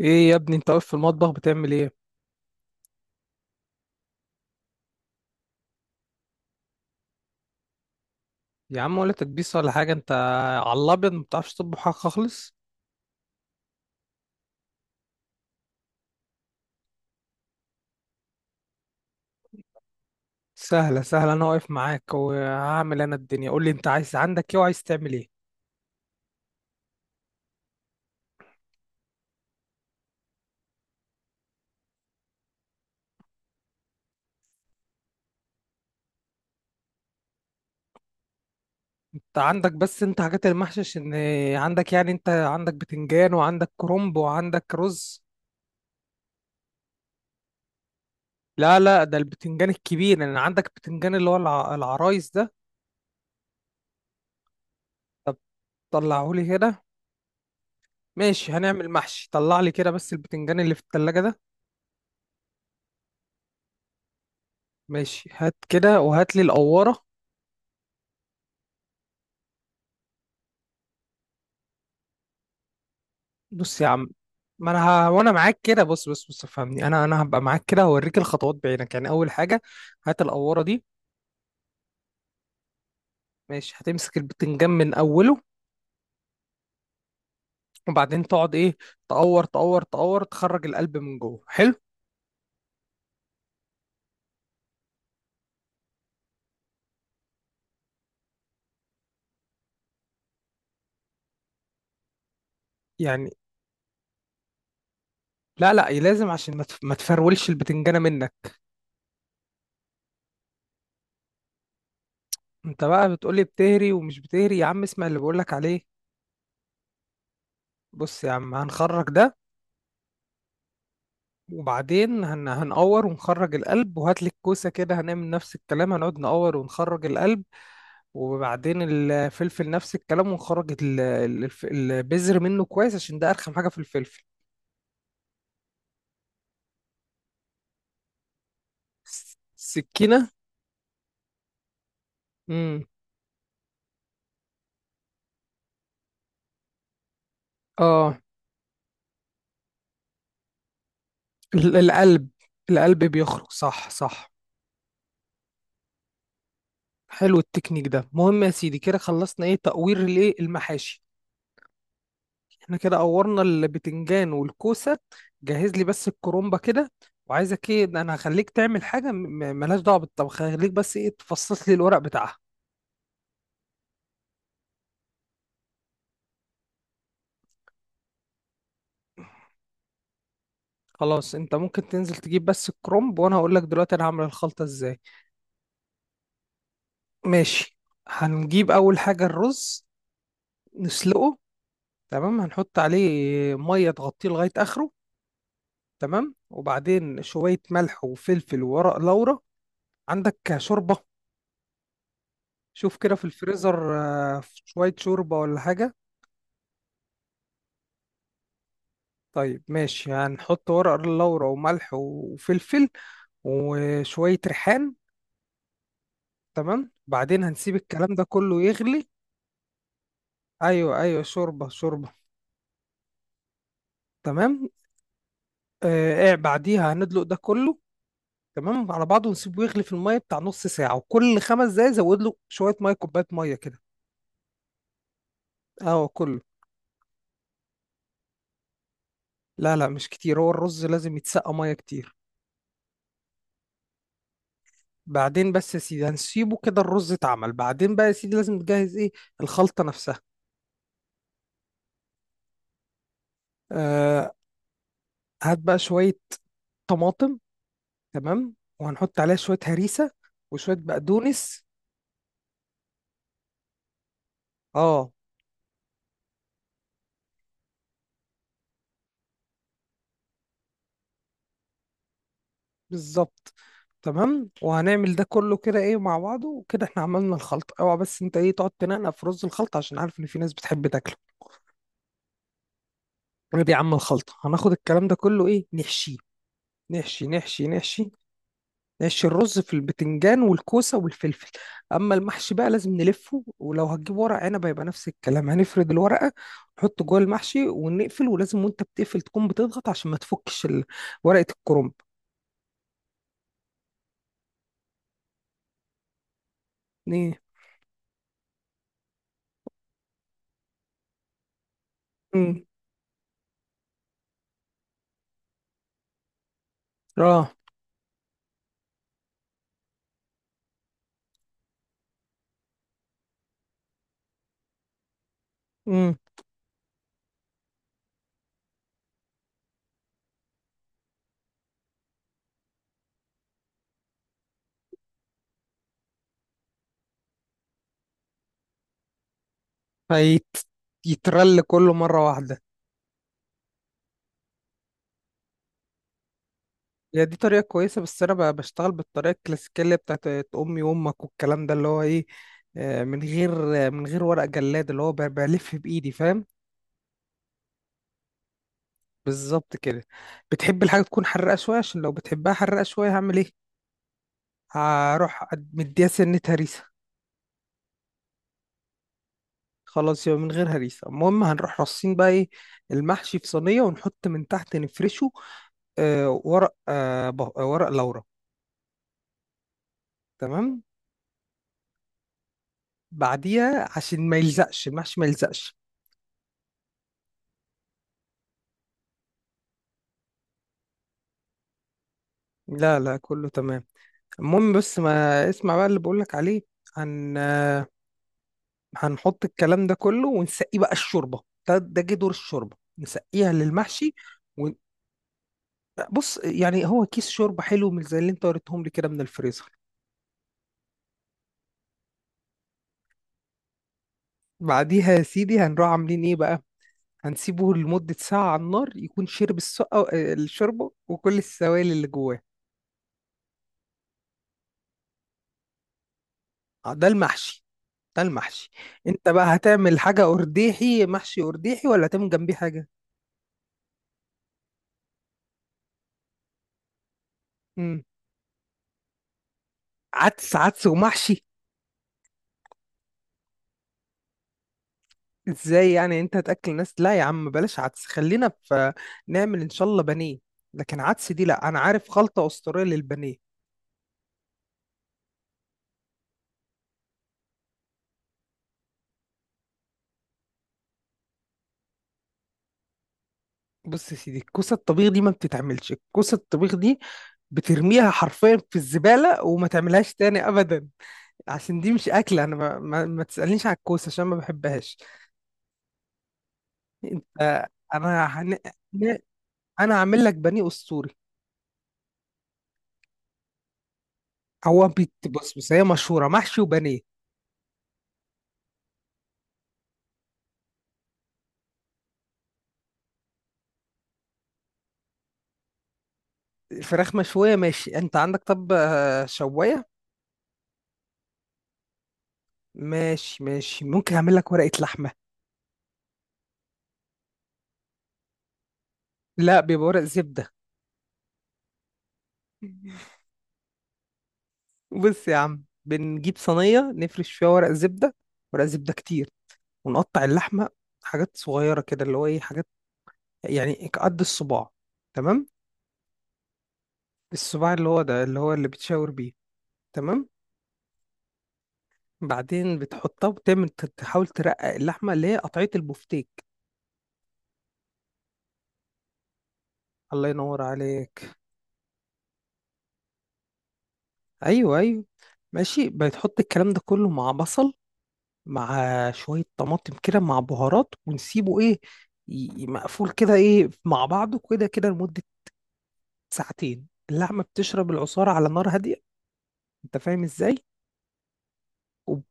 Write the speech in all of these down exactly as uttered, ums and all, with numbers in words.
ايه يا ابني، انت واقف في المطبخ بتعمل ايه؟ يا عم، ولا تكبيس ولا حاجه انت. على الابيض، ما بتعرفش تطبخ حاجه خالص. سهله سهله، انا واقف معاك وهعمل انا الدنيا، قول لي انت عايز عندك ايه وعايز تعمل ايه؟ انت عندك بس انت حاجات المحشش ان عندك، يعني انت عندك بتنجان وعندك كرنب وعندك رز. لا لا، ده البتنجان الكبير، يعني عندك بتنجان اللي هو الع- العرايس ده. طب طلعهولي كده. ماشي، هنعمل محشي، طلع لي كده بس البتنجان اللي في التلاجة ده. ماشي، هات كده وهات لي القوارة. بص يا عم، ما انا ه... وانا معاك كده، بص بص بص فهمني، انا انا هبقى معاك كده هوريك الخطوات بعينك، يعني اول حاجه، هات القوره دي. ماشي، هتمسك البتنجان من اوله، وبعدين تقعد ايه، تقور تقور تقور، تخرج القلب من جوه. حلو. يعني لا لا لازم، عشان ما تف- ما تفرولش البتنجانه منك. انت بقى بتقولي بتهري ومش بتهري، يا عم اسمع اللي بقولك عليه. بص يا عم، هنخرج ده، وبعدين هن... هنقور ونخرج القلب، وهات لك كوسه كده، هنعمل نفس الكلام، هنقعد نقور ونخرج القلب. وبعدين الفلفل نفس الكلام، ونخرج ال- ال- الف- البذر منه كويس عشان ده ارخم حاجه في الفلفل. س- سكينه. امم اه. ال- القلب، القلب بيخرج، صح صح. حلو، التكنيك ده مهم يا سيدي. كده خلصنا ايه، تقوير الايه المحاشي. احنا كده قورنا البتنجان والكوسه. جهز لي بس الكرومبه كده. وعايزك ايه، ده انا هخليك تعمل حاجه م- م- ملهاش دعوه بالطبخ، هخليك بس ايه تفصص لي الورق بتاعها. خلاص، انت ممكن تنزل تجيب بس الكرنب، وانا هقول لك دلوقتي انا هعمل الخلطة ازاي. ماشي، هنجيب اول حاجة الرز، نسلقه. تمام، هنحط عليه مية تغطيه لغاية اخره. تمام، وبعدين شوية ملح وفلفل وورق لورا. عندك شوربة؟ شوف كده في الفريزر. آه، شوية شوربة ولا حاجة؟ طيب ماشي، هنحط ورق لورا وملح وفلفل وشوية ريحان. تمام، بعدين هنسيب الكلام ده كله يغلي. ايوه ايوه، شوربة شوربة. تمام. آه بعديها هندلق ده كله. تمام على بعضه، ونسيبه يغلي في الميه بتاع نص ساعه، وكل خمس دقايق زود له شويه ميه، كوبايه ميه كده. اه، كله. لا لا مش كتير، هو الرز لازم يتسقى ميه كتير. بعدين بس يا سيدي، هنسيبه كده الرز اتعمل، بعدين بقى يا سيدي لازم تجهز ايه، الخلطه نفسها. آه. هات بقى شويه طماطم. تمام. وهنحط عليها شويه هريسه وشويه بقدونس. اه، بالظبط. تمام، وهنعمل ده كله كده ايه مع بعضه، وكده احنا عملنا الخلطة. اوعى بس انت ايه تقعد تنقنق في رز الخلطة، عشان عارف ان في ناس بتحب تاكله. ايه يا عم، الخلطة هناخد الكلام ده كله ايه، نحشيه. نحشي نحشي نحشي. نحشي الرز في البتنجان والكوسة والفلفل. اما المحشي بقى لازم نلفه، ولو هتجيب ورق عنب هيبقى نفس الكلام، هنفرد الورقة نحطه جوه المحشي ونقفل، ولازم وانت بتقفل تكون بتضغط عشان ما تفكش ال- ورقة الكرنب. ايه؟ امم اه. مم. فيترل كله مرة واحدة. هي دي طريقة كويسة، بس أنا ب- بشتغل بالطريقة الكلاسيكية اللي بتاعت أمي وأمك والكلام ده اللي هو إيه. آه، من غير آه، من غير ورق جلاد اللي هو ب- بلف بإيدي، فاهم؟ بالظبط كده. بتحب الحاجة تكون حرقة شوية؟ عشان لو بتحبها حرقة شوية هعمل إيه، هروح أد- مديها سنة هريسة. خلاص، يبقى من غير هريسة. المهم هنروح رصين بقى إيه، المحشي في صينية، ونحط من تحت نفرشه آه، ورق آه، بق- ورق لورا. تمام. بعديها عشان ما يلزقش المحشي، ما يلزقش. لا لا كله تمام. المهم بس ما اسمع بقى اللي بقولك عليه. هن آه، هنحط الكلام ده كله ونسقيه بقى الشوربة. ده ده جه دور الشوربة نسقيها للمحشي. و... بص يعني هو كيس شوربة حلو من زي اللي انت وريتهم لي كده من الفريزر. بعديها يا سيدي هنروح عاملين ايه بقى، هنسيبه لمدة ساعة على النار يكون شرب السقة الشوربة وكل السوائل اللي جواه. ده المحشي. ده المحشي. انت بقى هتعمل حاجة قرديحي محشي قرديحي ولا هتعمل جنبيه حاجة؟ مم. عدس عدس ومحشي؟ ازاي يعني، انت هتاكل ناس؟ لا يا عم بلاش عدس، خلينا في، نعمل ان شاء الله بانيه. لكن عدس دي لا، انا عارف خلطة اسطورية للبانيه. بص يا سيدي، الكوسة الطبيخ دي ما بتتعملش، الكوسة الطبيخ دي بترميها حرفيا في الزبالة وما تعملهاش تاني ابدا. عشان دي مش اكل، انا ما, ما, ما تسألنيش على الكوسة عشان ما بحبهاش. انت. انا هن... انا هعمل لك بانيه اسطوري. هو بيت، بص بص هي مشهوره محشي وبانيه. الفراخ مشويه ماشي، انت عندك طب آه، شوايه؟ ماشي ماشي ممكن اعمل لك ورقه لحمه. لا بيبقى ورق زبده. بص يا عم بنجيب صينيه نفرش فيها ورق زبده، ورق زبده كتير، ونقطع اللحمه حاجات صغيره كده اللي هو ايه، حاجات يعني قد الصباع. تمام. الصباع اللي هو ده اللي هو اللي بتشاور بيه. تمام. بعدين بتحطها وتعمل تحاول ترقق اللحمه اللي هي قطعيه البفتيك. الله ينور عليك. ايوه ايوه، ماشي، بتحط الكلام ده كله مع بصل، مع شوية طماطم كده مع بهارات، ونسيبه ايه، ي- ي- مقفول كده ايه مع بعضه كده كده لمدة ساعتين، اللحمة بتشرب العصارة على نار هادية. انت فاهم ازاي؟ وب-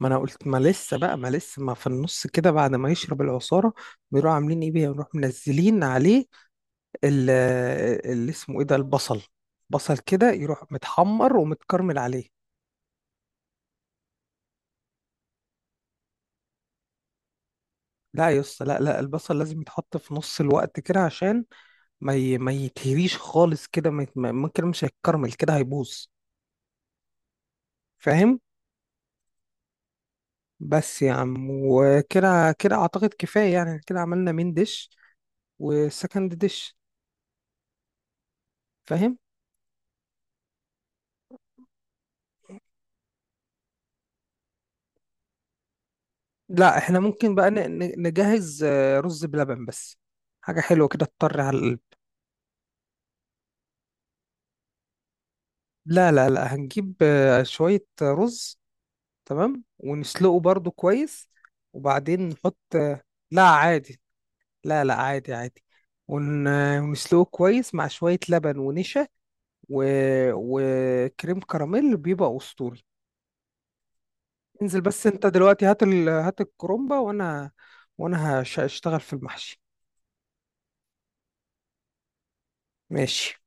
ما انا قلت، ما لسه بقى ما لسه ما في النص كده بعد ما يشرب العصارة، بيروحوا عاملين ايه بيه، بيروحوا منزلين عليه ال- اللي اسمه ايه ده البصل، بصل كده يروح متحمر ومتكرمل عليه. لا يا اسطى لا لا، البصل لازم يتحط في نص الوقت كده، عشان ما ي... ما يتهريش خالص كده، ما يت... ما- ممكن مش هيتكرمل كده هيبوظ. فاهم؟ بس يا عم وكده كده اعتقد كفايه، يعني كده عملنا مين ديش وسكند ديش. فاهم؟ لا احنا ممكن بقى ن... ن- نجهز آه، رز بلبن بس، حاجه حلوه كده تطر على القلب. لا لا لا هنجيب آه، شويه رز، تمام، ونسلقه برضو كويس، وبعدين نحط آه، لا عادي، لا لا عادي عادي. ون... ونسلقه كويس مع شوية لبن ونشا، و... وكريم كراميل بيبقى أسطوري. انزل بس انت دلوقتي، هات ال... هات الكرومبة، وانا وانا هش- هشتغل في المحشي. ماشي.